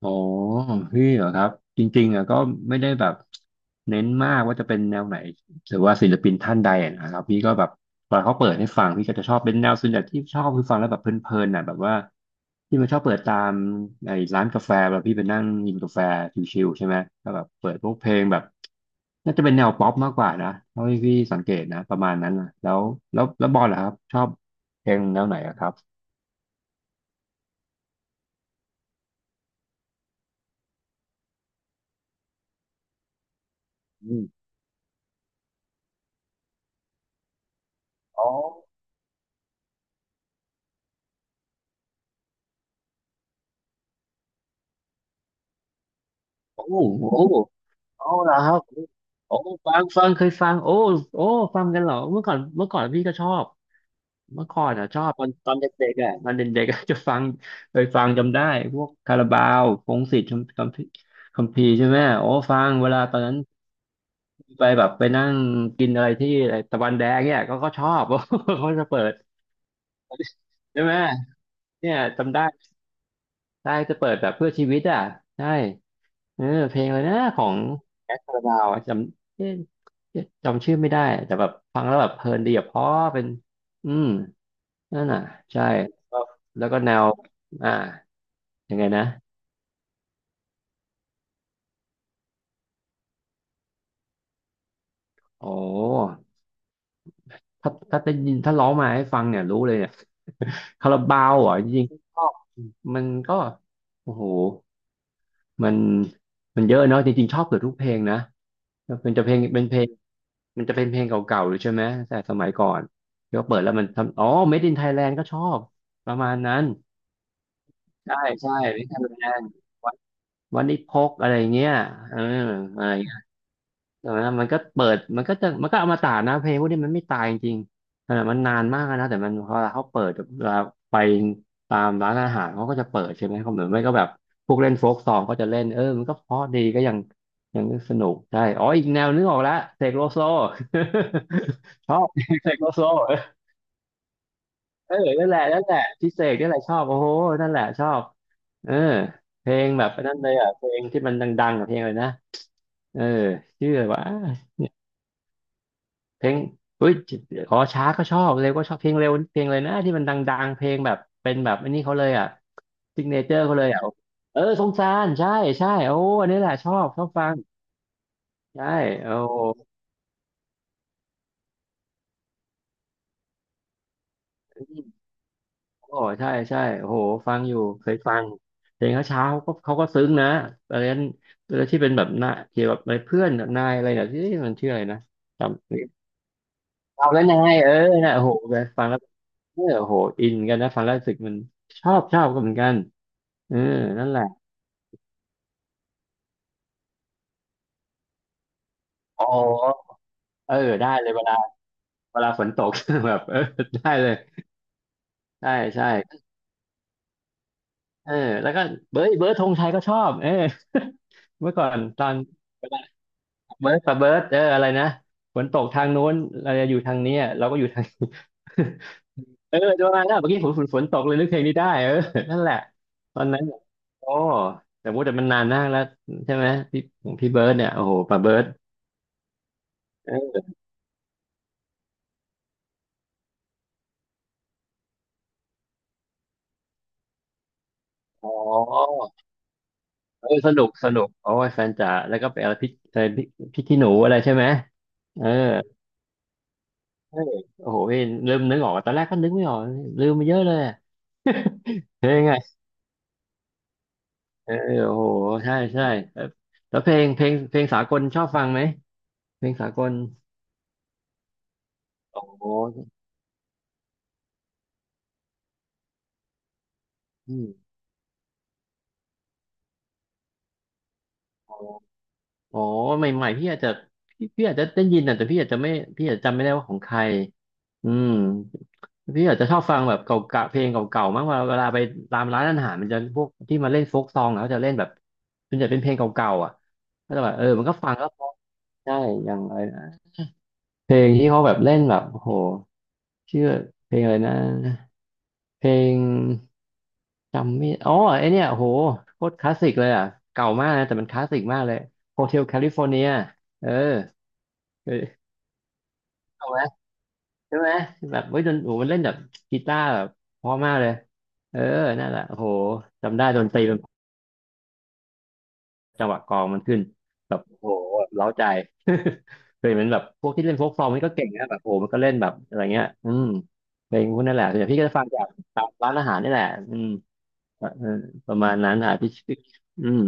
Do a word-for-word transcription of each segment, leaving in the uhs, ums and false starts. อ๋อพี่เหรอครับจริงๆอ่ะก็ไม่ได้แบบเน้นมากว่าจะเป็นแนวไหนหรือว่าศิลปินท่านใดอะนะครับพี่ก็แบบตอนเขาเปิดให้ฟังพี่ก็จะชอบเป็นแนวส่วนใหญ่ที่ชอบคือฟังแล้วแบบเพลินๆน่ะแบบว่าที่มันชอบเปิดตามไอ้ร้านกาแฟแบบพี่ไปนั่งกินกาแฟชิลๆใช่ไหมก็แบบเปิดพวกเพลงแบบน่าจะเป็นแนวป๊อปมากกว่านะเท่าที่พี่สังเกตนะประมาณนั้นนะแล้วแล้วแล้วบอลเหรอครับชอบเพลงแนวไหนอะครับอืมอ๋อโอ้โห อ๋อเหรอครับโอ้ฟังฟังเคยฟังโอ้โอ้ฟังกันเหรอเมื่อก่อนเมื่อก่อนพี่ก็ชอบเมื่อก่อนอ่ะชอบตอนตอนเด็กๆอ่ะตอนเด็กๆอะจะฟังเคยฟังจำได้พวกคาราบาวพงษ์สิทธิ์คัมคัมภีร์คัมภีร์ใช่ไหมโอ้ฟังเวลาตอนนั้นไปแบบไปนั่งกินอะไรที่อะไรตะวันแดงเนี่ยก็ก็ชอบ เขาจะเปิดใช่ไหมเนี่ยจำได้ได้จะเปิดแบบเพื่อชีวิตอ่ะใช่ เออเพลงอะไรนะของแอดคาราบาวอะจำเอ๊ะเอ๊ะจำชื่อไม่ได้แต่แบบฟังแล้วแบบเพลินดีอะเพราะเป็นอืมนั่นน่ะใช่แล้วแล้วก็แนวอ่ายังไงนะโอ้ถ้าถ้าได้ยินถ้าร้องมาให้ฟังเนี่ยรู้เลยเนี่ย คาราบาวเหรอ่ะจริงๆก็มันก็โอ้โห มันมันเยอะเนาะจริงๆชอบเกือบทุกเพลงนะมันจะเพลงเป็นเพลงมันจะเป็นเพลงเก่าๆหรือใช่ไหมแต่สมัยก่อนที่เขาเปิดแล้วมันทำอ๋อ Made in Thailand ก็ชอบประมาณนั้นใช่ใช่ Made in Thailand วันวันนี้พกอะไรเงี้ยเอออะไร แต่ว่ามันก็เปิดมันก็จะมันก็อมตะนะเพลงพวกนี้มันไม่ตายจริงๆขนาดมันนานมากนะแต่มันพอเขาเปิดเวลาไปตามร้านอาหารเขาก็จะเปิดใช่ไหมเขาเหมือนไม่ก็แบบพวกเล่นโฟกซองก็จะเล่นเออมันก็เพราะดีก็ยังยังสนุกใช่อ๋ออีกแนวนึกออกแล้วเสกโลโซ ชอบเสกโลโซเออนั่นแหละนั่นแหละพี่เสกนี่แหละชอบโอ้โหนั่นแหละชอบเออเพลงแบบนั้นเลยอ่ะเพลงที่มันดังๆกับเพลงเลยนะเออชื่ออะไรวะ เพลงเฮ้ยอ๋อช้าก็ชอบเร็วก็ชอบเพลงเร็วเพลงเลยนะที่มันดังๆเพลงแบบเป็นแบบอันนี้เขาเลยอ่ะซิกเนเจอร์เขาเลยอ่ะเออสงสารใช่ใช่โอ้อันนี้แหละชอบชอบฟังใช่โอ้โอ้ใช่ใช่โอ้โหฟังอยู่เคยฟังเพลงเขาเช้าก็เขาก็ซึ้งนะอะไรนั้นแล้วที่เป็นแบบหน้าเกี่ยวกับอะไรเพื่อนนายอะไรเนี่ยที่มันชื่ออะไรนะจำเอาแล้วนายเออนะโอ้โหฟังแล้วเออโอ้โหอินกันนะฟังแล้วรู้สึกมันชอบชอบก็เหมือนกันเออนั่นแหละ อ๋อเออได้เลยเวลาเวลาฝนตก แบบเออได้เลยใช่ใช่เออแล้วก็เบิร์ดเบิร์ดธงชัยก็ชอบเออ เมื่อก่อนตอนเวลาเบิร์ดกับเบิร์ดเอออะไรนะฝนตกทางโน้นเราจะอยู่ทางเนี้ยเราก็อยู่ทาง นี้ เออจะมาแล้วเมื่อกี้ฝนฝนฝนตกเลยนึกเพลงนี้ได้เออนั่นแหละตอนนั้นโอ้แต่ว่าแต่มันนานมากแล้วใช่ไหมพี่ของพี่เบิร์ดเนี่ยโอ้โหป้าเบิร์ดเอออ๋อ เออสนุกสนุกโอ้ยแฟนจ๋าแล้วก็ไปเอาพริกแฟนพริกพริกขี้หนูอะไรใช่ไหมเออเออโอ้โหพี่เริ่มนึกออกตอนแรกก็นึกไม่ออกลืมไปเยอะเลยอะเพลงไงเออโอ้โหใช่ใช่แล้วแล้วเพลงเพลงเพลงสากลชอบฟังไหมเพลงสากลโอ้โหอืมโอ้โหใหม่ๆพี่อาจจะพี่พี่อาจจะได้ยินอะแต่พี่อาจจะไม่พี่อาจจะจำไม่ได้ว่าของใครอืม พี่อาจจะชอบฟังแบบเก่าๆเพลงเก่าๆ มากกว่าเวลาไปตามร้านอาหารมันจะพวกที่มาเล่นโฟกซองอะเขาจะเล่นแบบส่วนใหญ่เป็นเพลงเก่าๆ อ่ะก็จะแบบเออมันก็ฟังแล้วเพราะใช่อย่างอะไรนะเพลงที่เขาแบบเล่นแบบโอ้โหชื่อเพลงอะไรนะเพลงจำไม่อ๋อไอเนี่ยโอ้โหโคตรคลาสสิกเลยอ่ะเก่ามากนะแต่มันคลาสสิกมากเลย โฮเทล แคลิฟอร์เนีย เออเคยเอาไหม ใช่ไหมแบบเฮ้ยดนโอ้โหมันเล่นแบบกีตาร์แบบเพราะมากเลยเออนั่นแหละโอ้โหจำได้ดนตรีมันจังหวะกลองมันขึ้นแบบโอ้โหแบบเร้าใจ เคยเหมือนแบบพวกที่เล่นโฟกซองนี่ก็เก่งนะแบบโอ้โหมันก็เล่นแบบอะไรเงี้ยอืมเพลงพวกนั่นแหละส่วนใหญ่พี่ก็จะฟังจากตามร้านอาหารนี่แหละอืมเออประมาณนั้นอ่ะพี่พี่อืม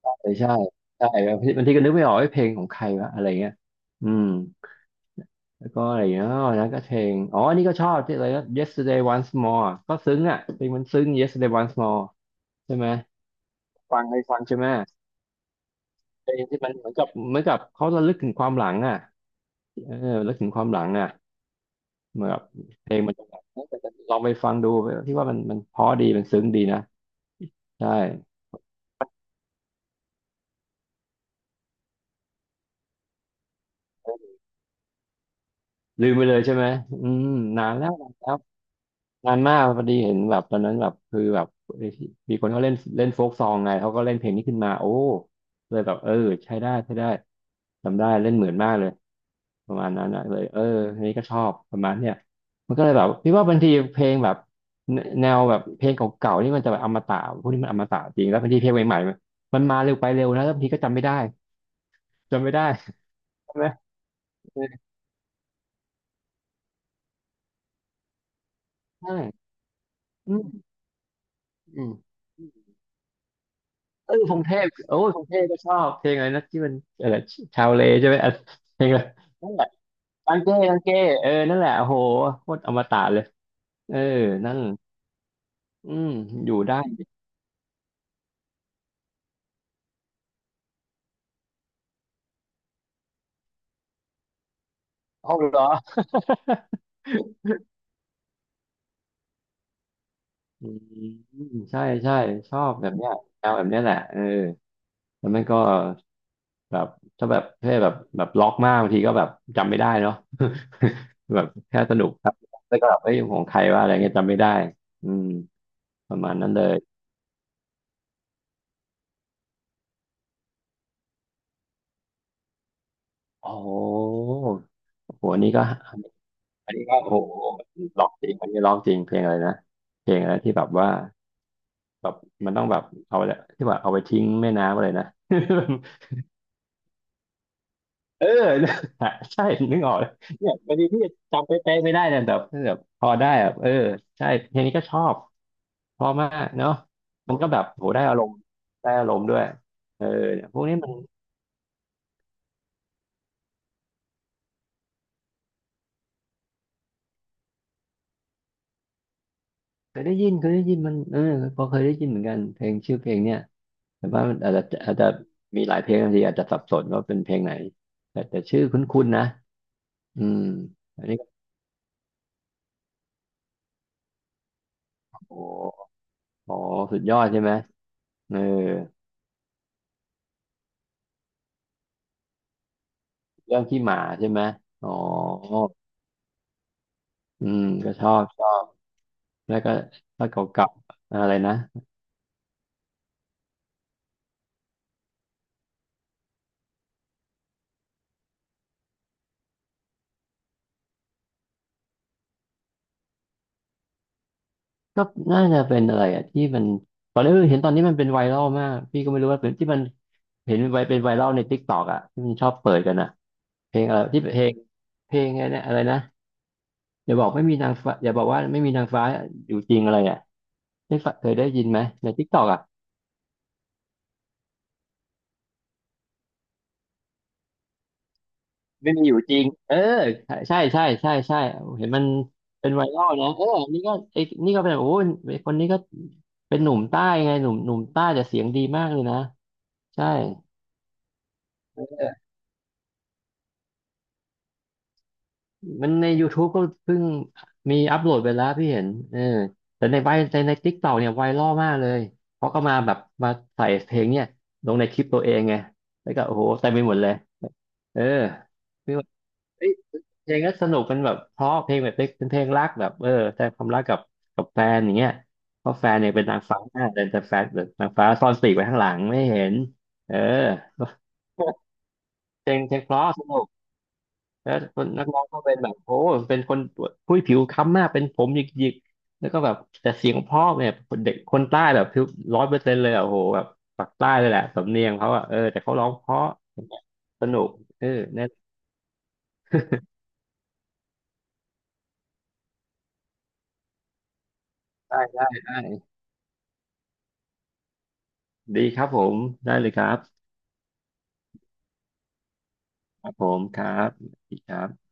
ใช่ใช่ใช่บางทีบางทีก็นึกไม่ออกว่าเพลงของใครวะอะไรเงี้ยอืม แล้วก็อะไรอย่างเงี้ยอ๋อแล้วก็เพลงอ๋ออันนี้ก็ชอบที่อะไรก็ Yesterday Once More ก็ซึ้งอ่ะเพลงมันซึ้ง Yesterday Once More ใช่ไหมฟังให้ฟังใช่ไหมเพลงที่มันเหมือนกับเหมือนกับเขาระลึกถึงความหลังอ่ะเออระลึกถึงความหลังอ่ะเหมือนกับเพลงมันจะแบบเออแต่ลองไปฟังดูที่ว่ามันมันเพราะดี มันซึ้งดีนะใช่ลืมไปเลยใช่ไหมอืมนานแล้วนานแล้ว นานมากพอดีเห็นแบบตอนนั้นแบบคือแบบเอ้ยมีคนเขาเล่นเล่นโฟกซองไงเขาก็เล่นเพลงนี้ขึ้นมาโอ้เลยแบบเออใช้ได้ใช้ได้จำได้เล่นเหมือนมากเลยประมาณนั้นอะเลยเอออันนี้ก็ชอบประมาณเนี้ยมันก็เลยแบบพี่ว่าบางทีเพลงแบบแนวแบบเพลงเก่าๆนี่มันจะแบบอมตะพวกนี้มันอมตะจริงแล้วบางทีเพลงใหม่ๆมันมาเร็วไปเร็วนะแล้วบางทีก็จำไม่ได้จำไม่ได้ใช่ไหมเออใช่อืมอืม เออพงเทพโอ้ยพงเทพก็ชอบเพลงอะไรนะที่มันอะไรชาวเลใช่ไหมอ่ะเพลงอะไรนั่นแหละตังเก้ตังเก้เออนั่นแหละโอ้โหโคตรอมตะเลยเออนั่นอืมอยู่ได้หองเหรอ อืมใช่ใช่ชอบแบบเนี้ยแนวแบบเนี้ยแหละเออแล้วมันก็แบบถ้าแบบเท่แบบแบบล็อกมากบางทีก็แบบจำไม่ได้เนาะ แบบแค่สนุกครับแล้วก็แบบเอ้ยของใครว่าอะไรเงี้ยจำไม่ได้อืมประมาณนั้นเลยโอ้ โหอันนี้ก็อันนี้ก็โอ้โหร้องจริงอันนี้ร้องจริงเพลงอะไรนะเพลงอะไรที่แบบว่าแบบมันต้องแบบเอาไปที่ว่าเอาไปทิ้งแม่น้ำอะไรนะ เออ เนี่ยใช่นึกออกเลยเนี่ยบางทีพี่จำไปเป๊ะๆไม่ได้นะแต่แบบพอได้แบบเออใช่เพลงนี้ก็ชอบเพอมากเนาะมันก็แบบโหได้อารมณ์ได้อารมณ์ด้วยเออเนี่ยพวกนี้มันเคยได้ยินเคยได้ยินมันเออพอเคยได้ยินเหมือนกันเพลงชื่อเพลงเนี่ย แต่ว่ามันอาจจะอาจจะมีหลายเพลงบางทีอาจจะสับสนว่าเป็นเพลงไหนแต่แต่ชื่อคุ้นๆนะอืมอันนี้ก็โอ้โหอ๋อสุดยอดใช่ไหมเออเรื่องขี้หมาใช่ไหมอ๋ออืมก็ชอบชอบแล้วก็ถ้าเก่าๆอะไรนะก็น่าจะเป็นอะไรอ่ะที่มันตอนนี้เห็นตอนนี้มันเป็นไวรัลมากพี่ก็ไม่รู้ว่าเป็นที่มันเห็นไวเป็นไวรัลใน t ิ k กต k อกอ่ะที่มันชอบเปิดกันอ่ะเพลงอะไรที่เพลงเพลงอะไรเนี่ยอะไรนะ อย่าบอกไม่มีนางฟ้าอย่าบอกว่าไม่มีนางฟ้าอยู่จริงอะไรอ่ะได้ฟงเคยได้ยินไหมในทิกตอกอ่ะไม่มีอยู่จริงเออใช่ใช่ใช่ใช่เห็นมันเป็นไวรัลนะเออนี่ก็ไอ้นี่ก็เป็นโอ้ยคนนี้ก็เป็นหนุ่มใต้ไงหนุ่มหนุ่มใต้แต่เสียงดีมากเลยนะใช่ มันในยูทู u ก็เพิ่งมีอัปโหลดไปแล้วพี่เห็นเออแต่ในไวในใน t i k t อกเนี่ยไวรัลมากเลยเพราะก็มาแบบมาใส่เพลงเนี่ยลงในคลิปตัวเองไงแล้วก็โอ้โหเต็มไปหมดเลยเออคือแบบเอ้ยเพลงก็สนุกเป็นแบบเพราะเพลงแบบเป็นเพลงรักแบบเออแสดงความรักกับกับแฟนอย่างเงี้ยเพราะแฟนเนี่ยเป็นนางฟ้าแต่แต่แฟนแบบนางฟ้าซ่อนปีกไว้ข้างหลังไม่เห็นเออ เพลงเพลงเพราะสนุก แล้วคนนักร้องก็เป็นแบบโอ้เป็นคนผู้ยผิวค้ำมากเป็นผมหยิกๆแล้วก็แบบแต่เสียงเพ่อเนี่ยเด็กคนใต้แบบผิวร้อยเปอร์เซ็นต์เลยอะโอ้โหแบบปากใต้เลยแหละสำเนียงเขาอะเออแต่เขาร้องเพราะสนุกเออแน่ได้ได้ได้ดีครับผมได้เลยครับครับผมครับดีครับ